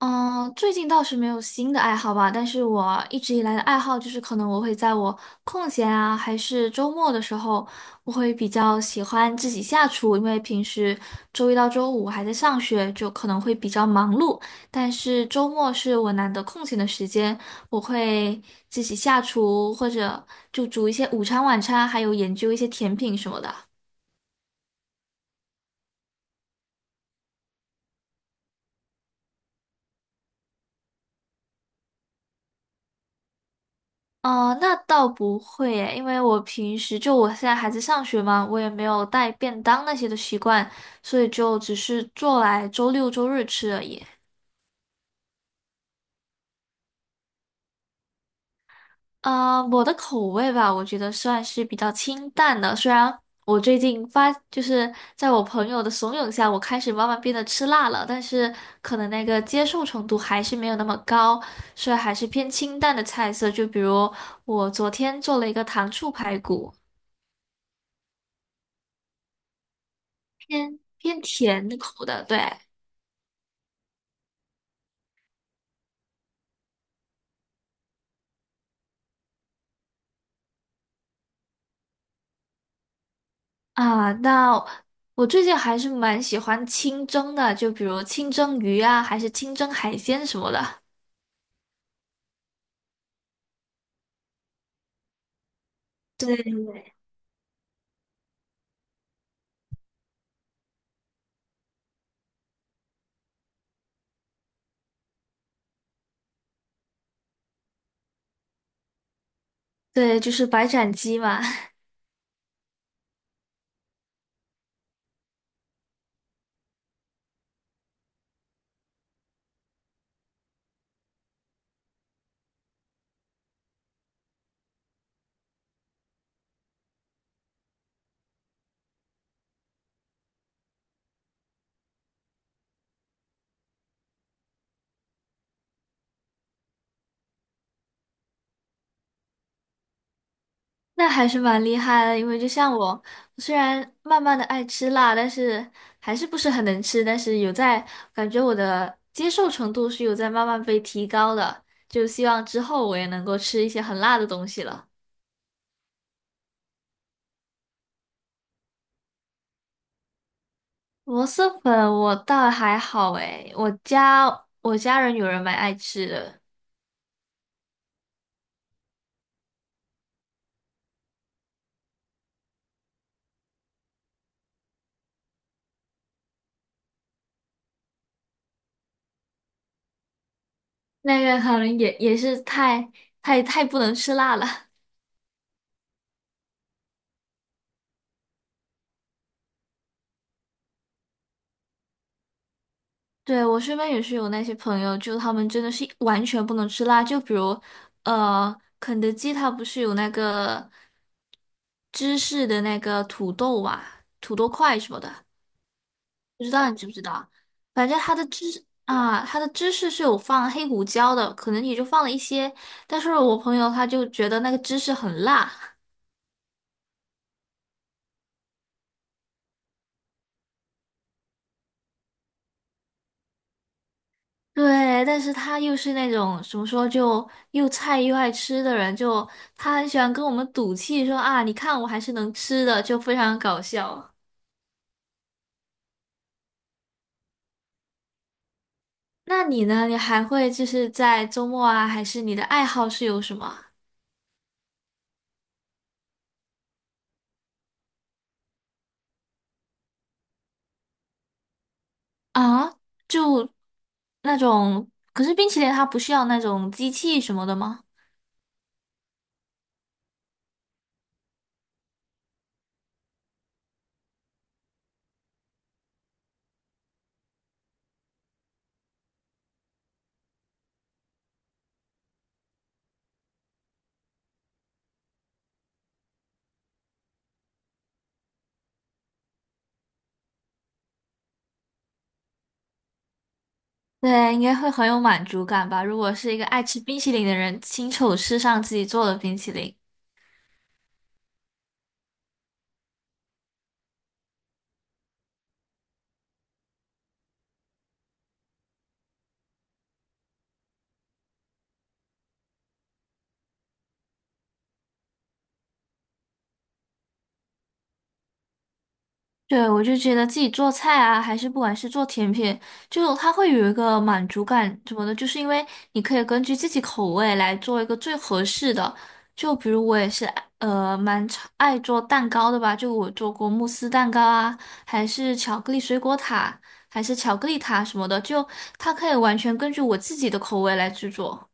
嗯，最近倒是没有新的爱好吧，但是我一直以来的爱好就是，可能我会在我空闲啊，还是周末的时候，我会比较喜欢自己下厨，因为平时周一到周五还在上学，就可能会比较忙碌，但是周末是我难得空闲的时间，我会自己下厨，或者就煮一些午餐、晚餐，还有研究一些甜品什么的。哦，那倒不会耶，因为我平时就我现在还在上学嘛，我也没有带便当那些的习惯，所以就只是做来周六周日吃而已。啊，我的口味吧，我觉得算是比较清淡的，虽然我最近就是在我朋友的怂恿下，我开始慢慢变得吃辣了，但是可能那个接受程度还是没有那么高，所以还是偏清淡的菜色，就比如我昨天做了一个糖醋排骨。偏甜口的，对啊。那我最近还是蛮喜欢清蒸的，就比如清蒸鱼啊，还是清蒸海鲜什么的。对对，就是白斩鸡嘛。那还是蛮厉害的。因为就像我，虽然慢慢的爱吃辣，但是还是不是很能吃，但是有在感觉我的接受程度是有在慢慢被提高的，就希望之后我也能够吃一些很辣的东西了。螺蛳粉我倒还好诶，我家人有人蛮爱吃的。那个可能也是太不能吃辣了。对，我身边也是有那些朋友，就他们真的是完全不能吃辣，就比如呃，肯德基它不是有那个芝士的那个土豆啊，土豆块什么的。不知道你知不知道，反正它的芝士是有放黑胡椒的，可能也就放了一些。但是我朋友他就觉得那个芝士很辣，对，但是他又是那种怎么说，就又菜又爱吃的人，就他很喜欢跟我们赌气说啊，你看我还是能吃的，就非常搞笑。那你呢？你还会就是在周末啊，还是你的爱好是有什么啊？就那种，可是冰淇淋它不需要那种机器什么的吗？对，应该会很有满足感吧。如果是一个爱吃冰淇淋的人，亲手吃上自己做的冰淇淋，对，我就觉得自己做菜啊，还是不管是做甜品，就它会有一个满足感什么的，就是因为你可以根据自己口味来做一个最合适的。就比如我也是爱蛮常爱做蛋糕的吧，就我做过慕斯蛋糕啊，还是巧克力水果塔，还是巧克力塔什么的，就它可以完全根据我自己的口味来制作。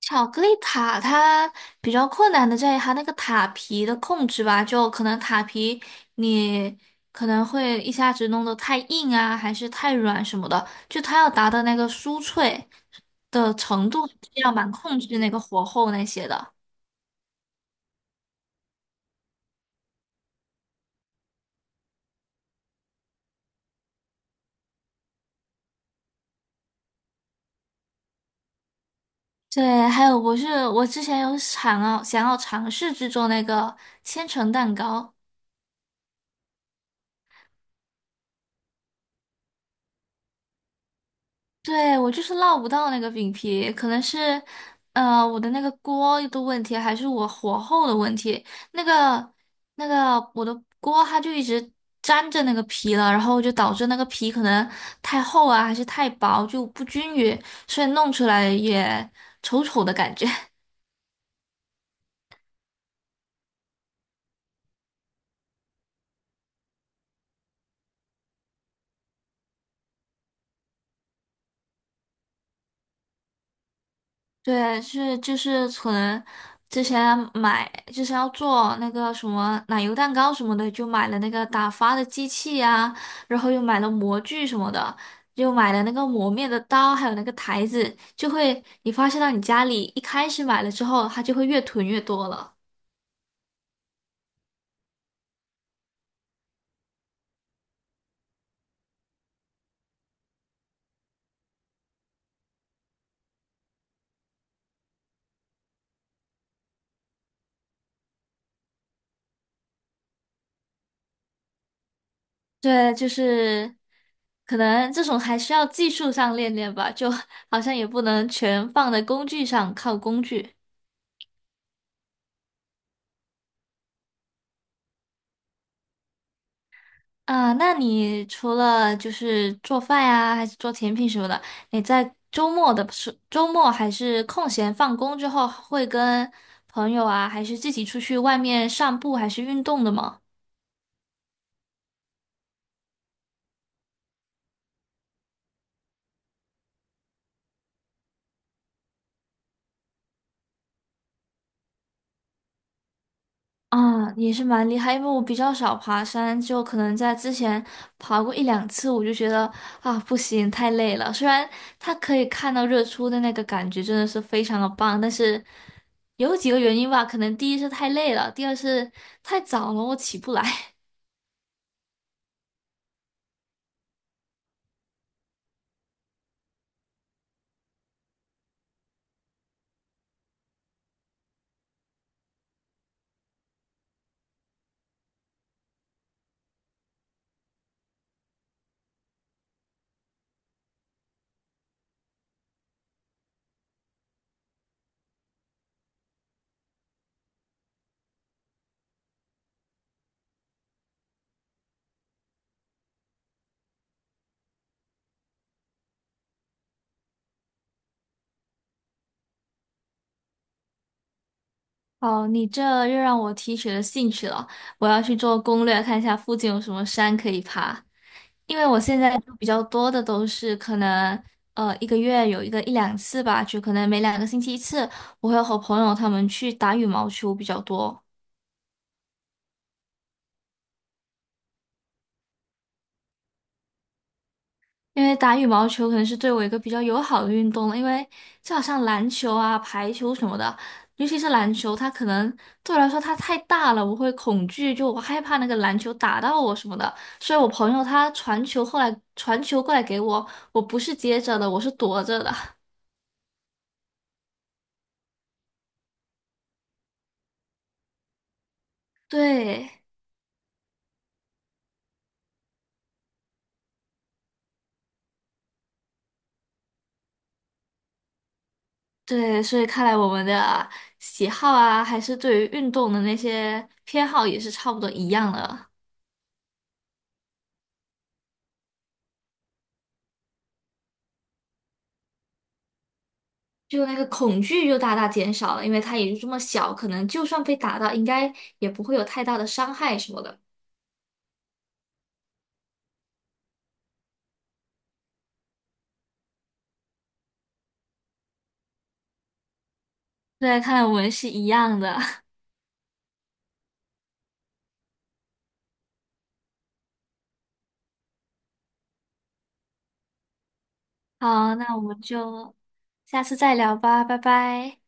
巧克力塔它比较困难的在于它那个塔皮的控制吧，就可能塔皮你可能会一下子弄得太硬啊，还是太软什么的，就它要达到那个酥脆的程度，是要蛮控制那个火候那些的。对，还有我是我之前有想要尝试制作那个千层蛋糕，对，我就是烙不到那个饼皮，可能是，我的那个锅的问题，还是我火候的问题。那个我的锅它就一直粘着那个皮了，然后就导致那个皮可能太厚啊，还是太薄，就不均匀，所以弄出来也丑丑的感觉。对，就是之前买，就是要做那个什么奶油蛋糕什么的，就买了那个打发的机器呀、然后又买了模具什么的，又买了那个磨面的刀，还有那个台子，就会你发现到你家里一开始买了之后，它就会越囤越多了。对，就是可能这种还需要技术上练练吧，就 好像也不能全放在工具上，靠工具。啊，那你除了就是做饭呀，还是做甜品什么的，你在周末还是空闲放工之后，会跟朋友啊，还是自己出去外面散步，还是运动的吗？啊，也是蛮厉害，因为我比较少爬山，就可能在之前爬过一两次，我就觉得啊不行，太累了。虽然它可以看到日出的那个感觉真的是非常的棒，但是有几个原因吧，可能第一是太累了，第二是太早了，我起不来。哦，你这又让我提起了兴趣了，我要去做攻略，看一下附近有什么山可以爬。因为我现在就比较多的都是可能，一个月有一两次吧，就可能每两个星期一次，我会和朋友他们去打羽毛球比较多。因为打羽毛球可能是对我一个比较友好的运动了，因为就好像篮球啊、排球什么的，尤其是篮球，它可能对我来说它太大了，我会恐惧，就我害怕那个篮球打到我什么的。所以我朋友他后来传球过来给我，我不是接着的，我是躲着的。对。对，所以看来我们的喜好啊，还是对于运动的那些偏好也是差不多一样的，就那个恐惧就大大减少了，因为它也就这么小，可能就算被打到，应该也不会有太大的伤害什么的。对，看来我们是一样的。好，那我们就下次再聊吧，拜拜。